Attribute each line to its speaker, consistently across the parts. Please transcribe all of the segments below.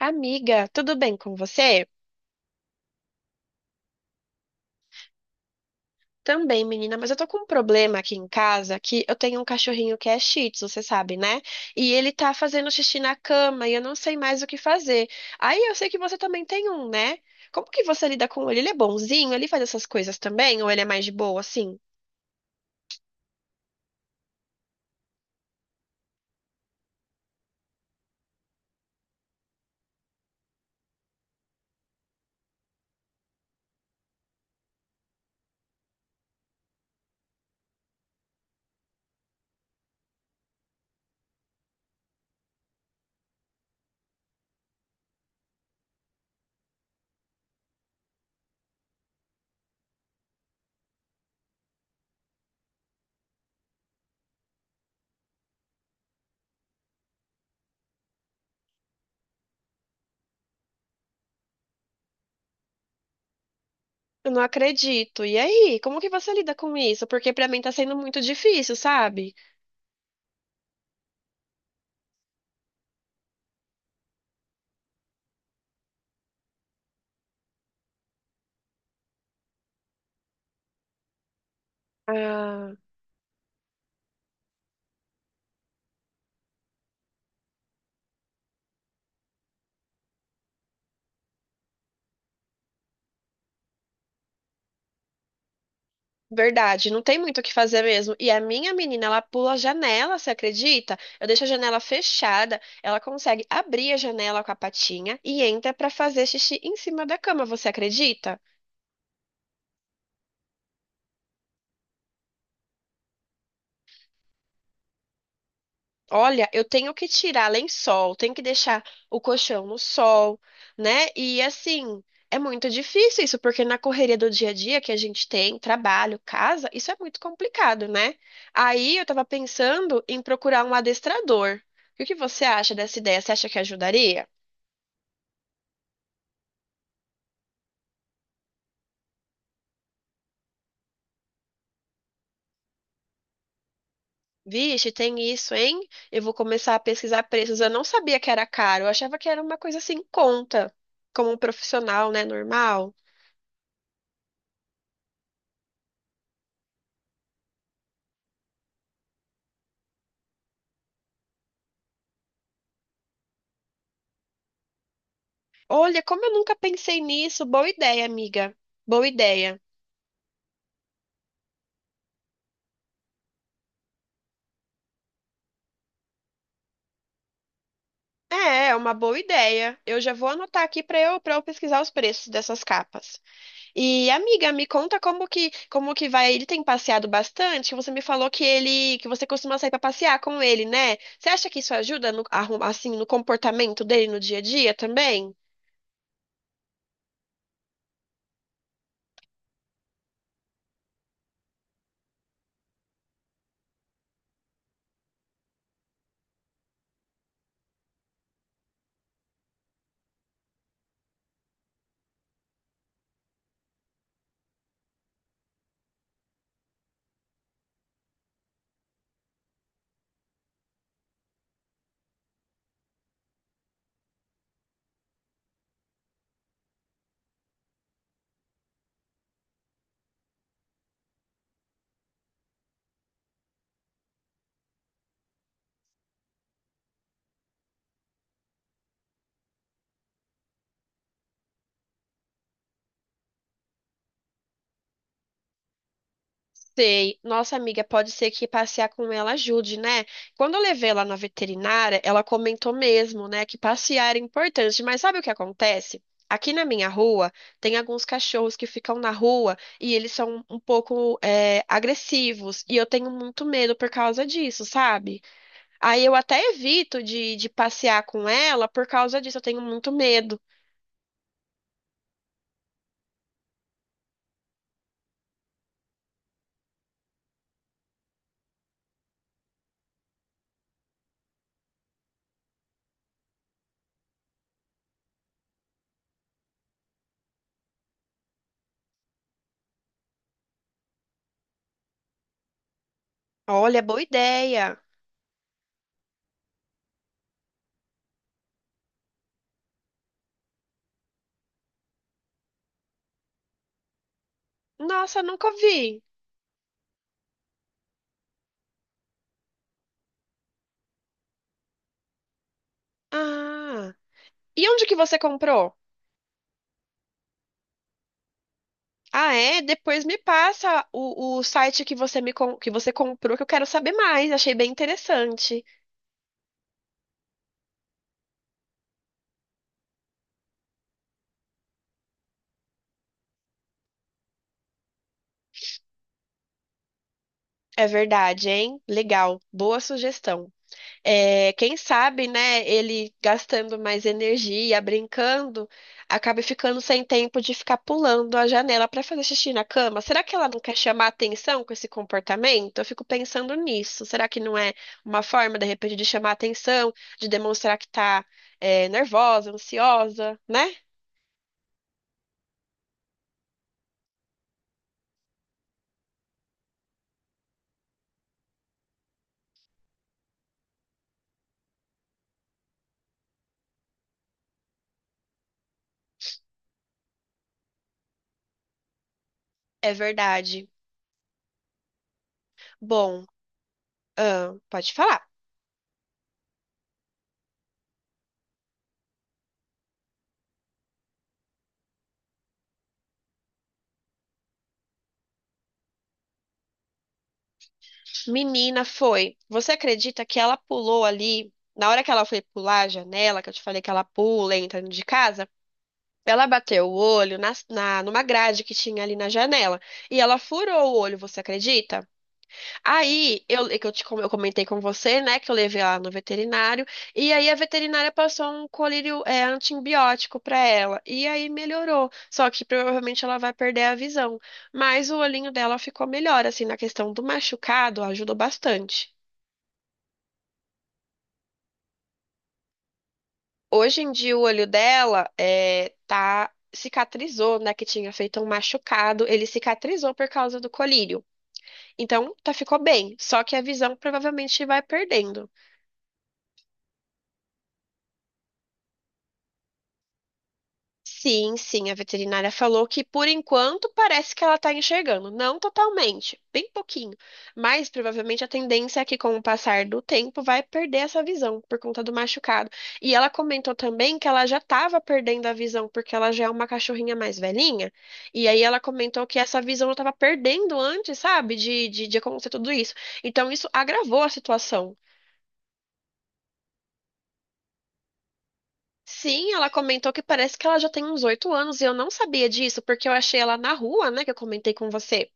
Speaker 1: Amiga, tudo bem com você? Também, menina, mas eu tô com um problema aqui em casa, que eu tenho um cachorrinho que é Shih Tzu, você sabe, né? E ele tá fazendo xixi na cama e eu não sei mais o que fazer. Aí eu sei que você também tem um, né? Como que você lida com ele? Ele é bonzinho? Ele faz essas coisas também? Ou ele é mais de boa, assim? Eu não acredito. E aí, como que você lida com isso? Porque pra mim tá sendo muito difícil, sabe? Ah. Verdade, não tem muito o que fazer mesmo. E a minha menina, ela pula a janela, você acredita? Eu deixo a janela fechada, ela consegue abrir a janela com a patinha e entra pra fazer xixi em cima da cama, você acredita? Olha, eu tenho que tirar lençol, tenho que deixar o colchão no sol, né? E assim, é muito difícil isso, porque na correria do dia a dia que a gente tem, trabalho, casa, isso é muito complicado, né? Aí eu tava pensando em procurar um adestrador. E o que você acha dessa ideia? Você acha que ajudaria? Vixe, tem isso, hein? Eu vou começar a pesquisar preços. Eu não sabia que era caro, eu achava que era uma coisa assim, em conta, como um profissional, né, normal. Olha, como eu nunca pensei nisso, boa ideia, amiga. Boa ideia. É, é uma boa ideia. Eu já vou anotar aqui para eu pesquisar os preços dessas capas. E amiga, me conta como que vai? Ele tem passeado bastante? Que você me falou que ele, que você costuma sair para passear com ele, né? Você acha que isso ajuda no, assim, no comportamento dele no dia a dia também? Sei, nossa amiga, pode ser que passear com ela ajude, né? Quando eu levei ela na veterinária, ela comentou mesmo, né, que passear era importante, mas sabe o que acontece? Aqui na minha rua, tem alguns cachorros que ficam na rua e eles são um pouco, é, agressivos, e eu tenho muito medo por causa disso, sabe? Aí eu até evito de passear com ela por causa disso, eu tenho muito medo. Olha, boa ideia. Nossa, nunca vi. Ah, e onde que você comprou? Ah, é? Depois me passa o site que você me que você comprou, que eu quero saber mais. Achei bem interessante. É verdade, hein? Legal. Boa sugestão. É, quem sabe, né, ele gastando mais energia, brincando, acaba ficando sem tempo de ficar pulando a janela para fazer xixi na cama. Será que ela não quer chamar atenção com esse comportamento? Eu fico pensando nisso. Será que não é uma forma, de repente, de chamar atenção, de demonstrar que tá, é, nervosa, ansiosa, né? É verdade. Bom, pode falar. Menina foi. Você acredita que ela pulou ali? Na hora que ela foi pular a janela, que eu te falei que ela pula entra de casa, ela bateu o olho numa grade que tinha ali na janela. E ela furou o olho, você acredita? Aí, eu comentei com você, né, que eu levei ela no veterinário, e aí a veterinária passou um colírio é, antibiótico para ela, e aí melhorou. Só que provavelmente ela vai perder a visão, mas o olhinho dela ficou melhor, assim, na questão do machucado, ajudou bastante. Hoje em dia, o olho dela é, tá, cicatrizou, né, que tinha feito um machucado, ele cicatrizou por causa do colírio. Então, tá, ficou bem, só que a visão provavelmente vai perdendo. Sim, sim, a veterinária falou que por enquanto parece que ela está enxergando, não totalmente, bem pouquinho, mas provavelmente a tendência é que com o passar do tempo vai perder essa visão por conta do machucado. E ela comentou também que ela já estava perdendo a visão porque ela já é uma cachorrinha mais velhinha, e aí ela comentou que essa visão ela estava perdendo antes, sabe, de acontecer tudo isso. Então isso agravou a situação. Sim, ela comentou que parece que ela já tem uns 8 anos e eu não sabia disso, porque eu achei ela na rua, né, que eu comentei com você.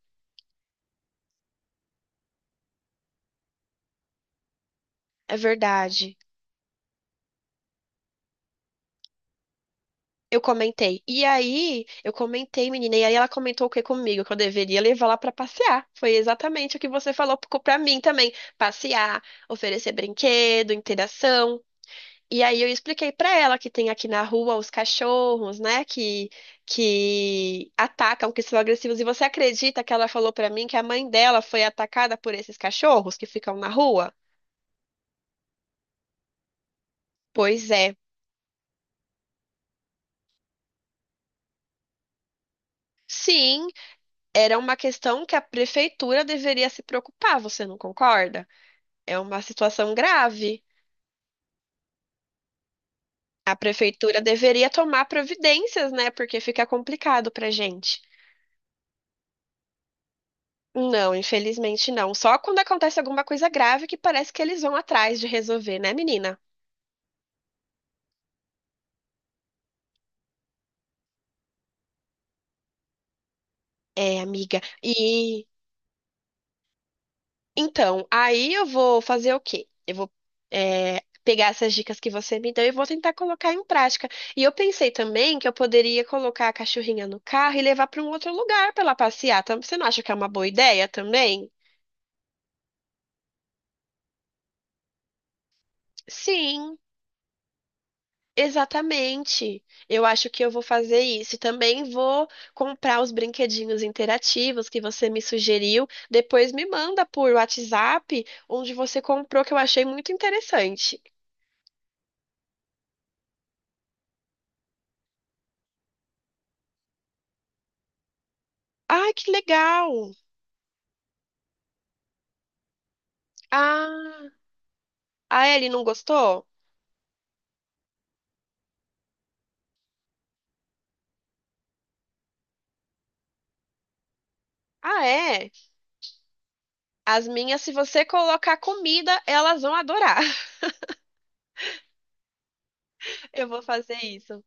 Speaker 1: É verdade. Eu comentei. E aí, eu comentei, menina, e aí ela comentou o que comigo, que eu deveria levar lá pra passear. Foi exatamente o que você falou pra mim também. Passear, oferecer brinquedo, interação. E aí eu expliquei pra ela que tem aqui na rua os cachorros, né, que atacam, que são agressivos. E você acredita que ela falou pra mim que a mãe dela foi atacada por esses cachorros que ficam na rua? Pois é. Sim, era uma questão que a prefeitura deveria se preocupar, você não concorda? É uma situação grave. A prefeitura deveria tomar providências, né? Porque fica complicado pra gente. Não, infelizmente não. Só quando acontece alguma coisa grave que parece que eles vão atrás de resolver, né, menina? É, amiga. E então, aí eu vou fazer o quê? Eu vou pegar essas dicas que você me deu e vou tentar colocar em prática. E eu pensei também que eu poderia colocar a cachorrinha no carro e levar para um outro lugar para ela passear. Você não acha que é uma boa ideia também? Sim. Exatamente. Eu acho que eu vou fazer isso. E também vou comprar os brinquedinhos interativos que você me sugeriu. Depois me manda por WhatsApp onde você comprou, que eu achei muito interessante. Ai, que legal! Ah, a Ellie não gostou? Ah, é? As minhas, se você colocar comida, elas vão adorar. Eu vou fazer isso.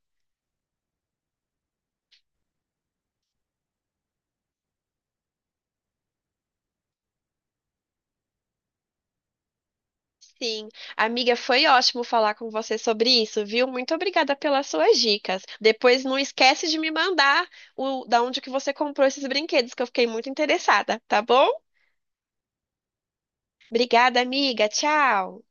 Speaker 1: Sim, amiga, foi ótimo falar com você sobre isso, viu? Muito obrigada pelas suas dicas. Depois não esquece de me mandar o da onde que você comprou esses brinquedos, que eu fiquei muito interessada, tá bom? Obrigada, amiga. Tchau.